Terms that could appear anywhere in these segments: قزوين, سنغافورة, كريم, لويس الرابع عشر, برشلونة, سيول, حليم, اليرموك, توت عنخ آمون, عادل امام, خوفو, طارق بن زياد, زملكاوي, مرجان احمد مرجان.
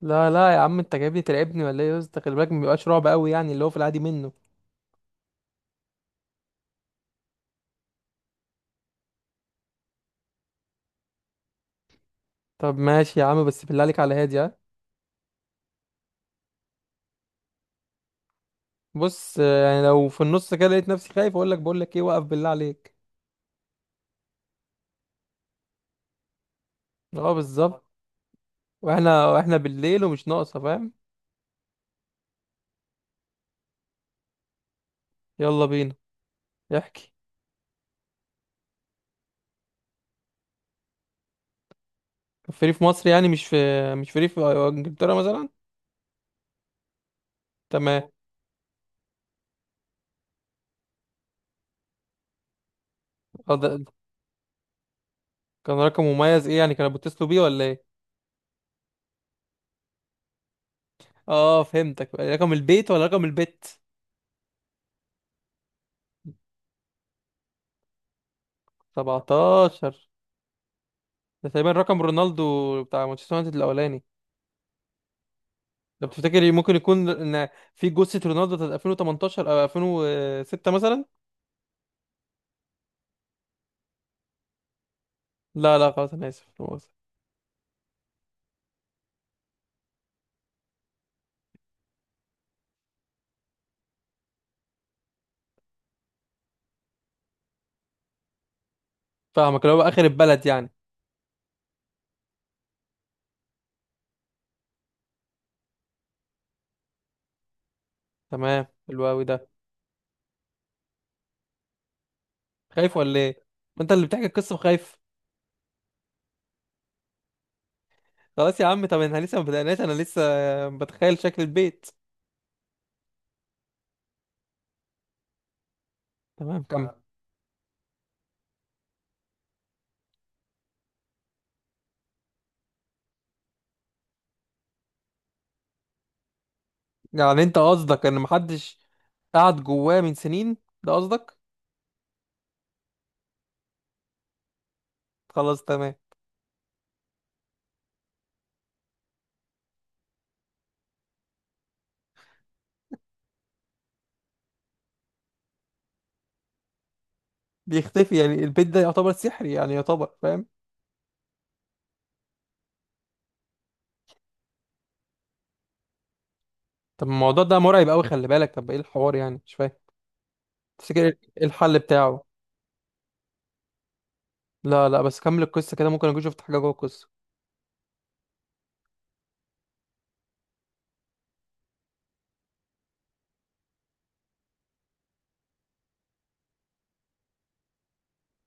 لا لا يا عم، انت جايبني تلعبني ولا ايه يا اسطى؟ خلي بالك، ما بيبقاش رعب قوي يعني اللي هو في العادي منه. طب ماشي يا عم، بس بالله عليك على هادي ها. بص آه، يعني لو في النص كده لقيت نفسي خايف اقول لك، بقول لك ايه؟ وقف بالله عليك. اه بالظبط. واحنا بالليل ومش ناقصه، فاهم؟ يلا بينا. احكي. كان فري في ريف مصر يعني، مش في مش فري في ريف انجلترا مثلا. تمام. اه ده- كان رقم مميز ايه يعني؟ كانوا بيتصلوا بيه ولا ايه؟ اه فهمتك، رقم البيت ولا رقم البت؟ 17؟ ده تقريبا رقم رونالدو بتاع مانشستر يونايتد الاولاني. ده بتفتكر ممكن يكون ان في جثة رونالدو بتاعت 2018 او 2006 مثلا. لا لا خلاص انا اسف، أنا آسف. فاهمك، اللي هو اخر البلد يعني. تمام، حلو قوي ده. خايف ولا ايه؟ ما انت اللي بتحكي القصة وخايف. خلاص يا عم، طب احنا لسه ما بدأناش، انا لسه بتخيل شكل البيت. تمام كمل. يعني انت قصدك ان محدش قعد جواه من سنين، ده قصدك؟ خلاص تمام. بيختفي يعني البيت ده يعتبر سحري يعني، يعتبر فاهم. طب الموضوع ده مرعب قوي، خلي بالك. طب ايه الحوار يعني؟ مش فاهم. تفتكر ايه الحل بتاعه؟ لا لا بس كمل القصه كده، ممكن اكون شفت حاجه جوه القصه.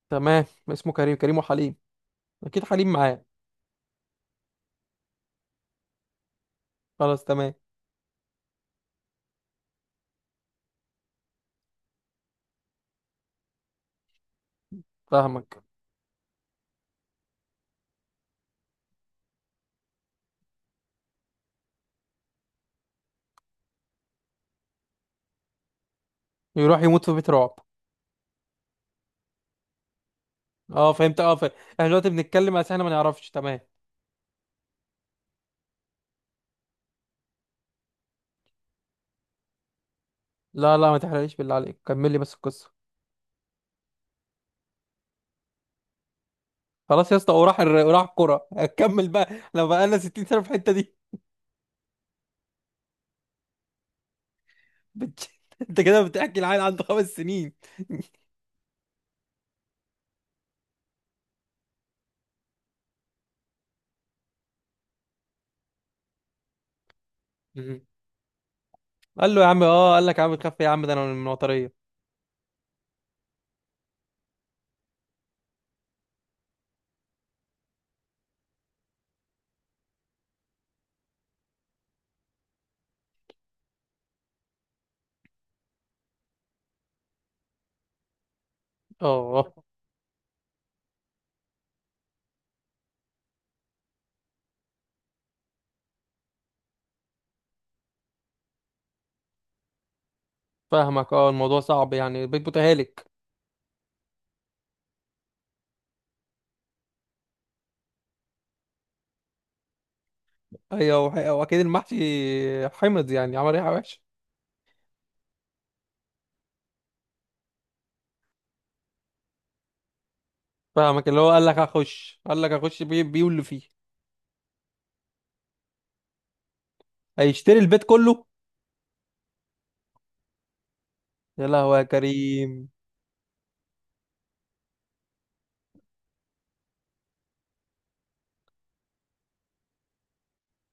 تمام، اسمه كريم؟ كريم وحليم اكيد، حليم معاه. خلاص تمام. فاهمك. يروح يموت في بيت رعب؟ اه فهمت اه فهمت، احنا دلوقتي بنتكلم بس احنا ما نعرفش، تمام. لا لا ما تحرقليش بالله عليك، كمل لي بس القصه. خلاص يا اسطى، وراح الكوره، هكمل بقى. لو بقى لنا 60 سنه في الحته دي. بت- انت كده بتحكي العيل عنده خمس سنين. قال له يا عم، اه قال لك يا عم تخاف إيه يا عم، ده انا من المطريه. اه فاهمك، اه الموضوع صعب يعني، بيت متهالك. ايوه واكيد المحشي حمض يعني، عمل ايه وحش. فاهمك، اللي هو قال لك هخش، قال لك هخش بيه بيه واللي فيه. هيشتري البيت كله؟ يا لهوي يا كريم.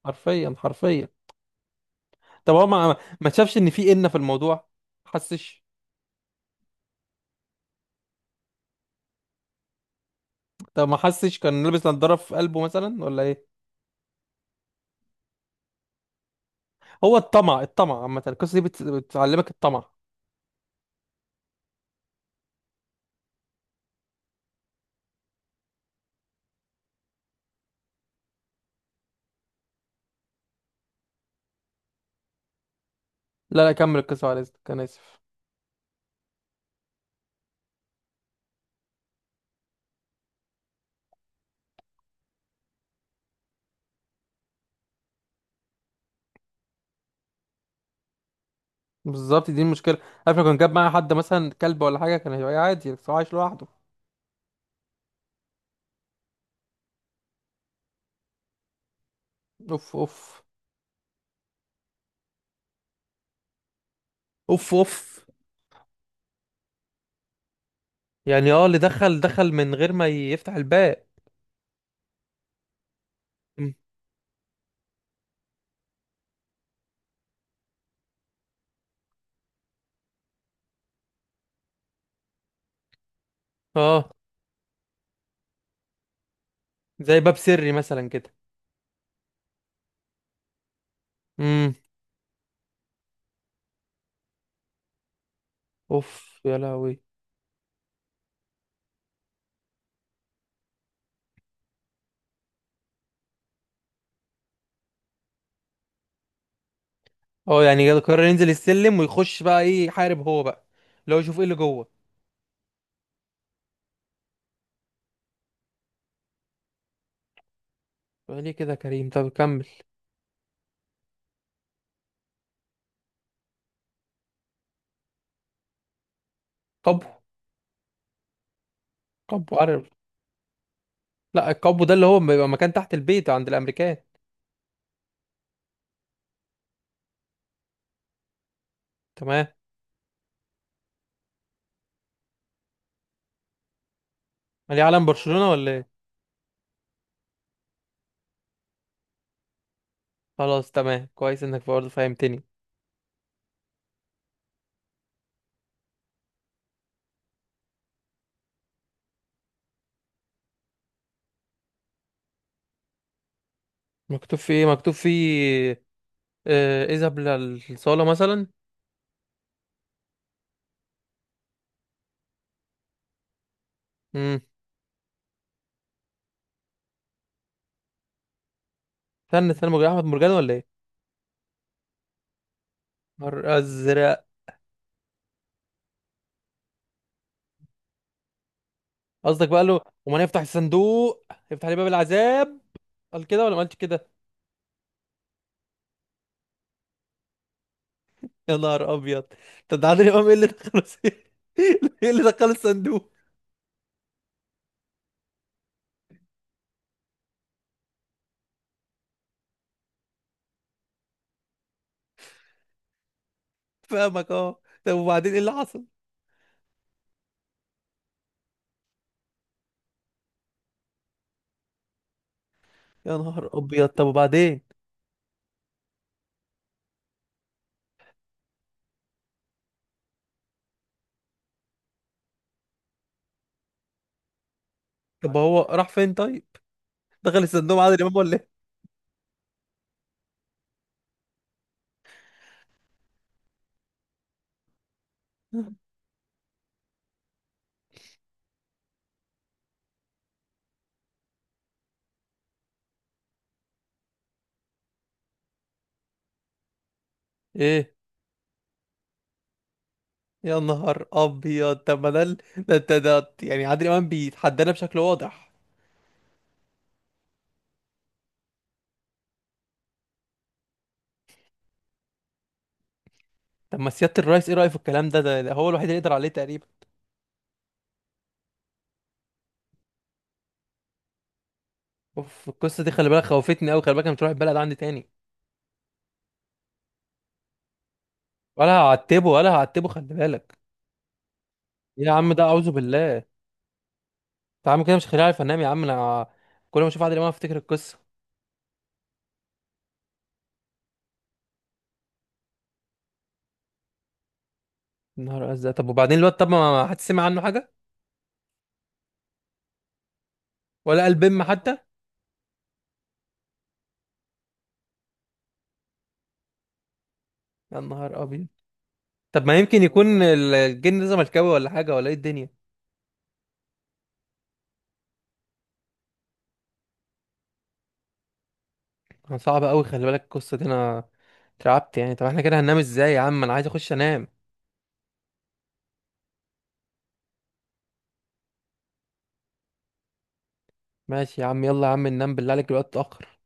حرفيا حرفيا. طب هو ما شافش ان في إنة في الموضوع؟ ما حسش؟ طب ما حسش؟ كان لابس نضاره في قلبه مثلا ولا ايه؟ هو الطمع، الطمع عامه القصه دي بتعلمك الطمع. لا لا كمل القصه، على اذنك انا اسف. بالظبط، دي المشكله. عارف لو كان جاب معايا حد مثلا كلب ولا حاجه كان هيبقى عادي، بس هو عايش لوحده. اوف اوف. اوف اوف. يعني اه، اللي دخل دخل من غير ما يفتح الباب. مم. اه. زي باب سري مثلا كده. امم. اوف يا لهوي. اه يعني قرر ينزل السلم، ويخش بقى ايه، يحارب هو بقى. لو يشوف ايه اللي جوه. ليه كده يا كريم؟ طب كمل. قبو؟ قبو عارف. لا القبو ده اللي هو بيبقى مكان تحت البيت عند الامريكان. تمام. ليه، علم برشلونة ولا ايه؟ خلاص تمام، كويس انك برضه فهمتني. مكتوب فيه ايه، مكتوب فيه؟ آه، اذهب للصالة مثلا. مم. استنى استنى، مرجان احمد مرجان ولا ايه؟ نهار ازرق. قصدك بقى له، ومن يفتح الصندوق يفتح لي باب العذاب. قال كده ولا ما قالش كده؟ يا نهار ابيض. طب ده عادل امام، ايه اللي دخله ايه اللي دخله الصندوق؟ فاهمك اه. طب وبعدين ايه اللي حصل؟ يا نهار ابيض. طب وبعدين طب هو راح فين طيب؟ دخل الصندوق مع عادل امام ولا ايه؟ ايه؟ يا نهار ابيض. طب ما ده يعني عادل امام بيتحدانا بشكل واضح. طب ما سيادة الرئيس ايه رأيه في الكلام ده؟ ده ده هو الوحيد اللي يقدر عليه تقريبا. اوف القصه دي خلي بالك، خوفتني قوي. خلي بالك انا مش رايح البلد عندي تاني. ولا هعتبه ولا هعتبه، خلي بالك. يا عم ده اعوذ بالله. انت عامل كده مش خليني عارف انام يا عم انا. كل ما اشوف عادل امام افتكر القصه. يا نهار ازرق. طب وبعدين الواد؟ طب ما حد سمع عنه حاجه؟ ولا قال بم حتى؟ يا نهار ابيض. طب ما يمكن يكون الجن ده زملكاوي ولا حاجه، ولا ايه الدنيا؟ انا صعب قوي خلي بالك، القصه دي انا اترعبت يعني. طب احنا كده هننام ازاي يا عم؟ انا عايز اخش انام. ماشي يا عم، يلا يا عم ننام بالله عليك، الوقت اتاخر.